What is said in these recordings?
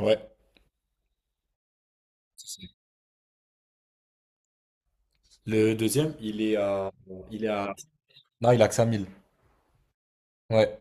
Ouais. Le deuxième, il est à... Il est à... Non, il a que 5000. Ouais.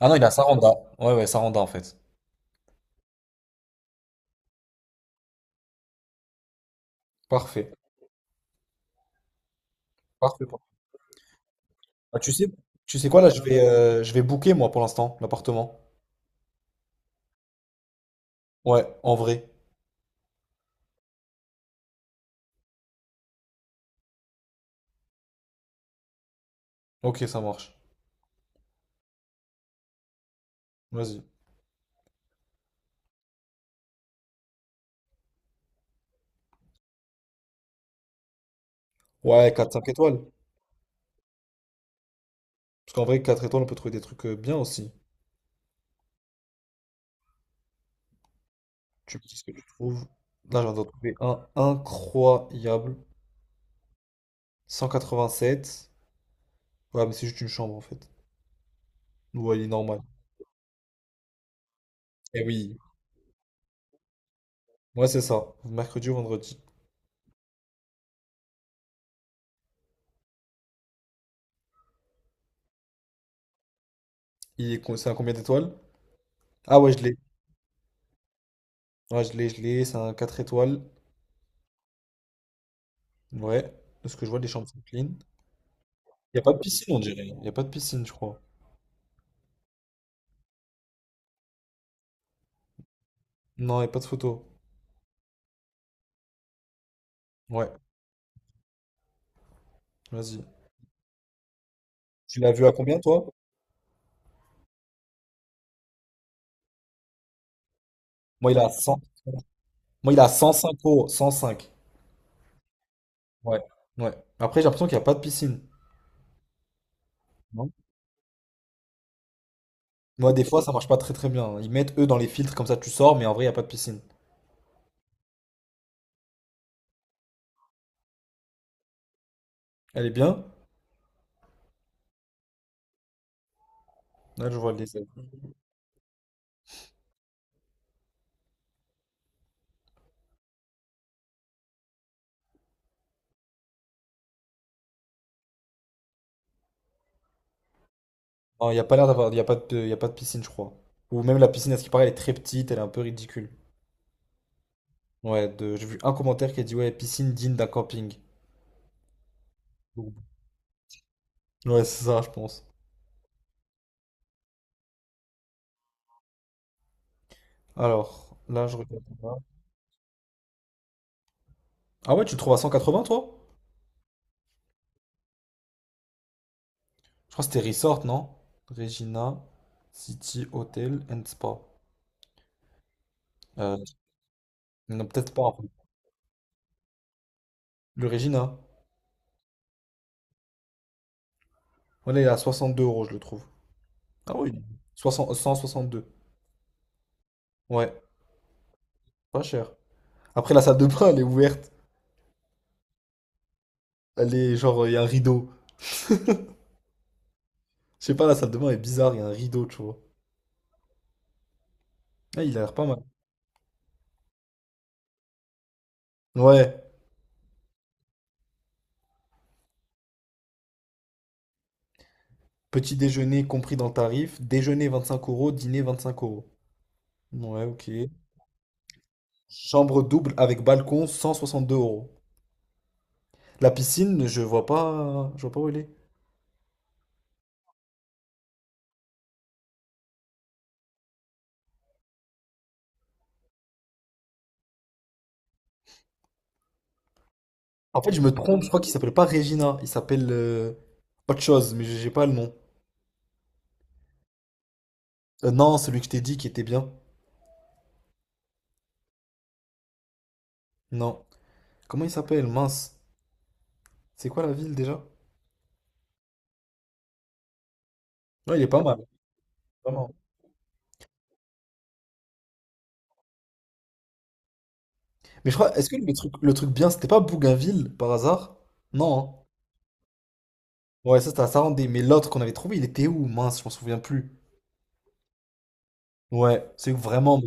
Ah non, il a Saranda. Ouais, ouais, Saranda en fait. Parfait. Parfait. Ah, tu sais quoi là, je vais booker moi pour l'instant, l'appartement. Ouais, en vrai. Ok, ça marche. Vas-y. Ouais, quatre, cinq étoiles. Parce qu'en vrai, 4 étoiles, on peut trouver des trucs bien aussi. Tu me dis ce que tu trouves. Là, j'en ai trouvé un incroyable. 187. Ouais, mais c'est juste une chambre en fait. Ouais, il est normal. Eh oui. Ouais, c'est ça. Mercredi ou vendredi. C'est un combien d'étoiles? Ah ouais, je l'ai. Ouais, je l'ai. C'est un 4 étoiles. Ouais. De ce que je vois, les chambres sont clean. Il n'y a pas de piscine, on dirait. Il n'y a pas de piscine, je crois. Non, il n'y a pas de photo. Ouais, vas-y. Tu l'as vu à combien, toi? Moi, il a cent Moi, il a cinq euros. 105. Ouais. Ouais. Après, j'ai l'impression qu'il n'y a pas de piscine. Non? Moi, des fois, ça marche pas très très bien. Ils mettent eux dans les filtres, comme ça, tu sors, mais en vrai, il n'y a pas de piscine. Elle est bien? Là, je vois les. Non, il n'y a pas l'air d'avoir. Il n'y a pas de... il y a pas de piscine, je crois. Ou même la piscine, à ce qui paraît, elle est très petite, elle est un peu ridicule. Ouais, j'ai vu un commentaire qui a dit ouais, piscine digne d'un camping. Donc, Ouais, c'est ça, je pense. Alors, là, je regarde. Là. Ah ouais, tu le trouves à 180 toi? Je crois que c'était Resort, non? Regina City Hotel and Spa. Euh, non, peut-être pas en fait. Le Regina. Voilà, il est à soixante-deux euros, je le trouve. Ah oui. soixante 162. Ouais, pas cher. Après, la salle de bain, elle est ouverte. Elle est genre, il y a un rideau. Je sais pas, la salle de bain est bizarre, il y a un rideau, tu vois. Ah, il a l'air pas mal. Ouais. Petit déjeuner compris dans le tarif. Déjeuner 25 euros, dîner 25 euros. Ouais, ok. Chambre double avec balcon, 162 euros. La piscine, je vois pas où elle est. En fait, je me trompe, je crois qu'il s'appelle pas Regina, il s'appelle autre chose, mais j'ai pas le nom. Non, celui que je t'ai dit qui était bien. Non. Comment il s'appelle? Mince. C'est quoi la ville déjà? Non, il est pas mal, vraiment. Mais je crois, est-ce que le truc bien, c'était pas Bougainville par hasard? Non, hein. Ouais, ça c'était à Sarandé, mais l'autre qu'on avait trouvé, il était où? Mince, je m'en souviens plus. Ouais, c'est vraiment.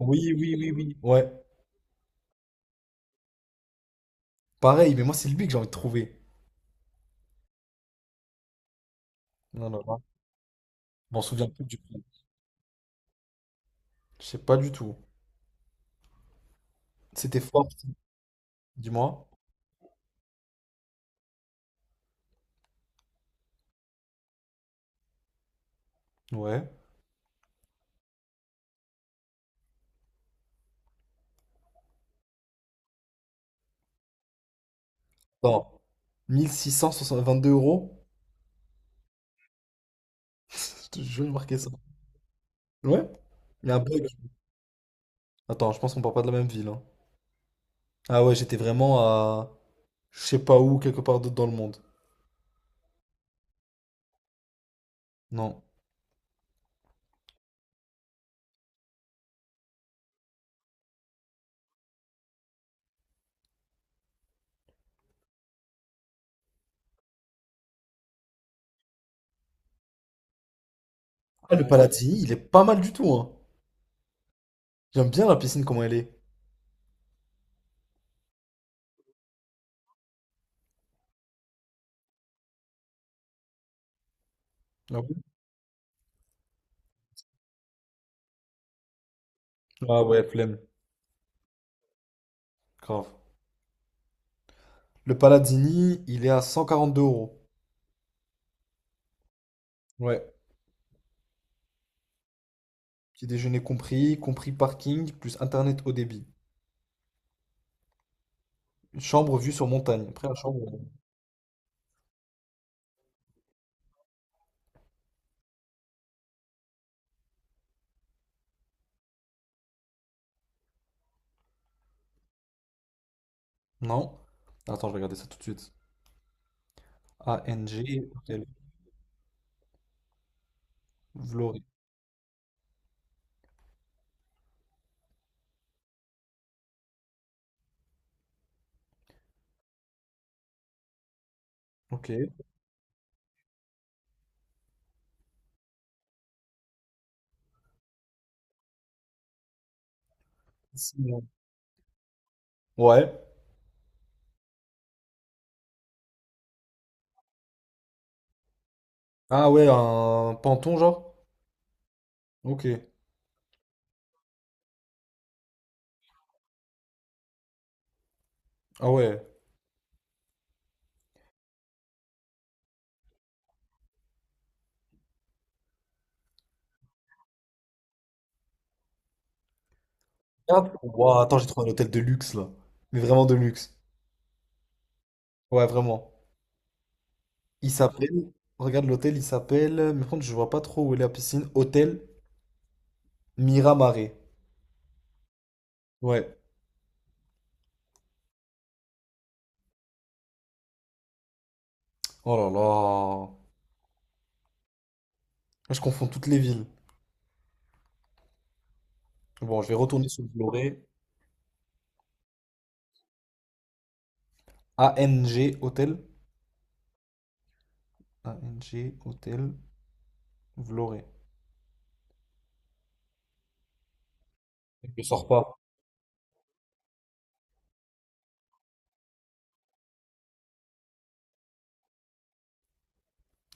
Oui, oui, oui, oui. Ouais, pareil, mais moi, c'est lui que j'ai envie de trouver. Non, non, non. Je m'en souviens plus du prix. Je sais pas du tout. C'était fort, dis-moi. Ouais. Attends. 1622 euros? Je te jure, j'ai marqué ça. Ouais? Il y a un bug. Attends, je pense qu'on part pas de la même ville, hein. Ah ouais, j'étais vraiment à. Je sais pas où, quelque part d'autre dans le monde. Non. Ah, le Palatini, il est pas mal du tout, hein. J'aime bien la piscine, comment elle est. Ah bon. Ah ouais, flemme. Grave. Le Palazzini, il est à 142 euros. Ouais. Petit déjeuner compris parking, plus internet haut débit. Une chambre vue sur montagne. Après la chambre. Non. Attends, je vais regarder ça tout de suite. A N G hôtel, Vloré. Ok. Sinon. Ouais. Ah ouais, un Panton genre? Ok. Ah ouais. Regarde. Ouah, attends, j'ai trouvé un hôtel de luxe là. Mais vraiment de luxe. Ouais, vraiment. Il s'appelle. Regarde l'hôtel, il s'appelle. Mais par contre, je vois pas trop où est la piscine. Hôtel Miramaré. Ouais. Oh là là. Je confonds toutes les villes. Bon, je vais retourner sur Vloré. A N G Hôtel. A N G Hôtel Vloré. Je sors pas.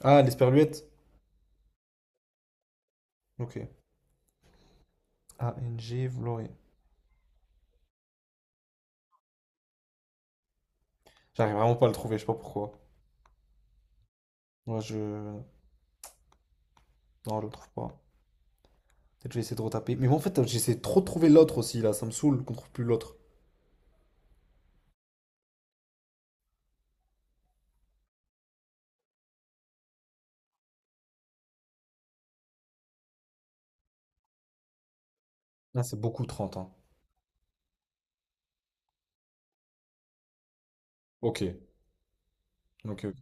Ah, l'Esperluette. Ok. A N G Vloré. J'arrive vraiment pas à le trouver, je sais pas pourquoi. Moi, je. Non, je le trouve pas. Peut-être je vais essayer de retaper. Mais moi, en fait, j'essaie trop de trouver l'autre aussi, là. Ça me saoule qu'on trouve plus l'autre. Là, c'est beaucoup trente, hein. Ok. Ok. Ok.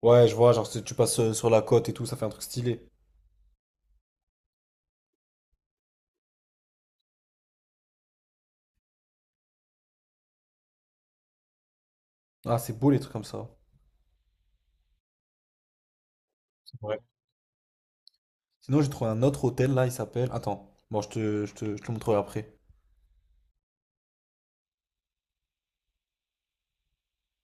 Ouais, je vois, genre, tu passes sur la côte et tout, ça fait un truc stylé. Ah, c'est beau les trucs comme ça. Sinon, j'ai trouvé un autre hôtel là, il s'appelle. Attends, bon, je te le montrerai après.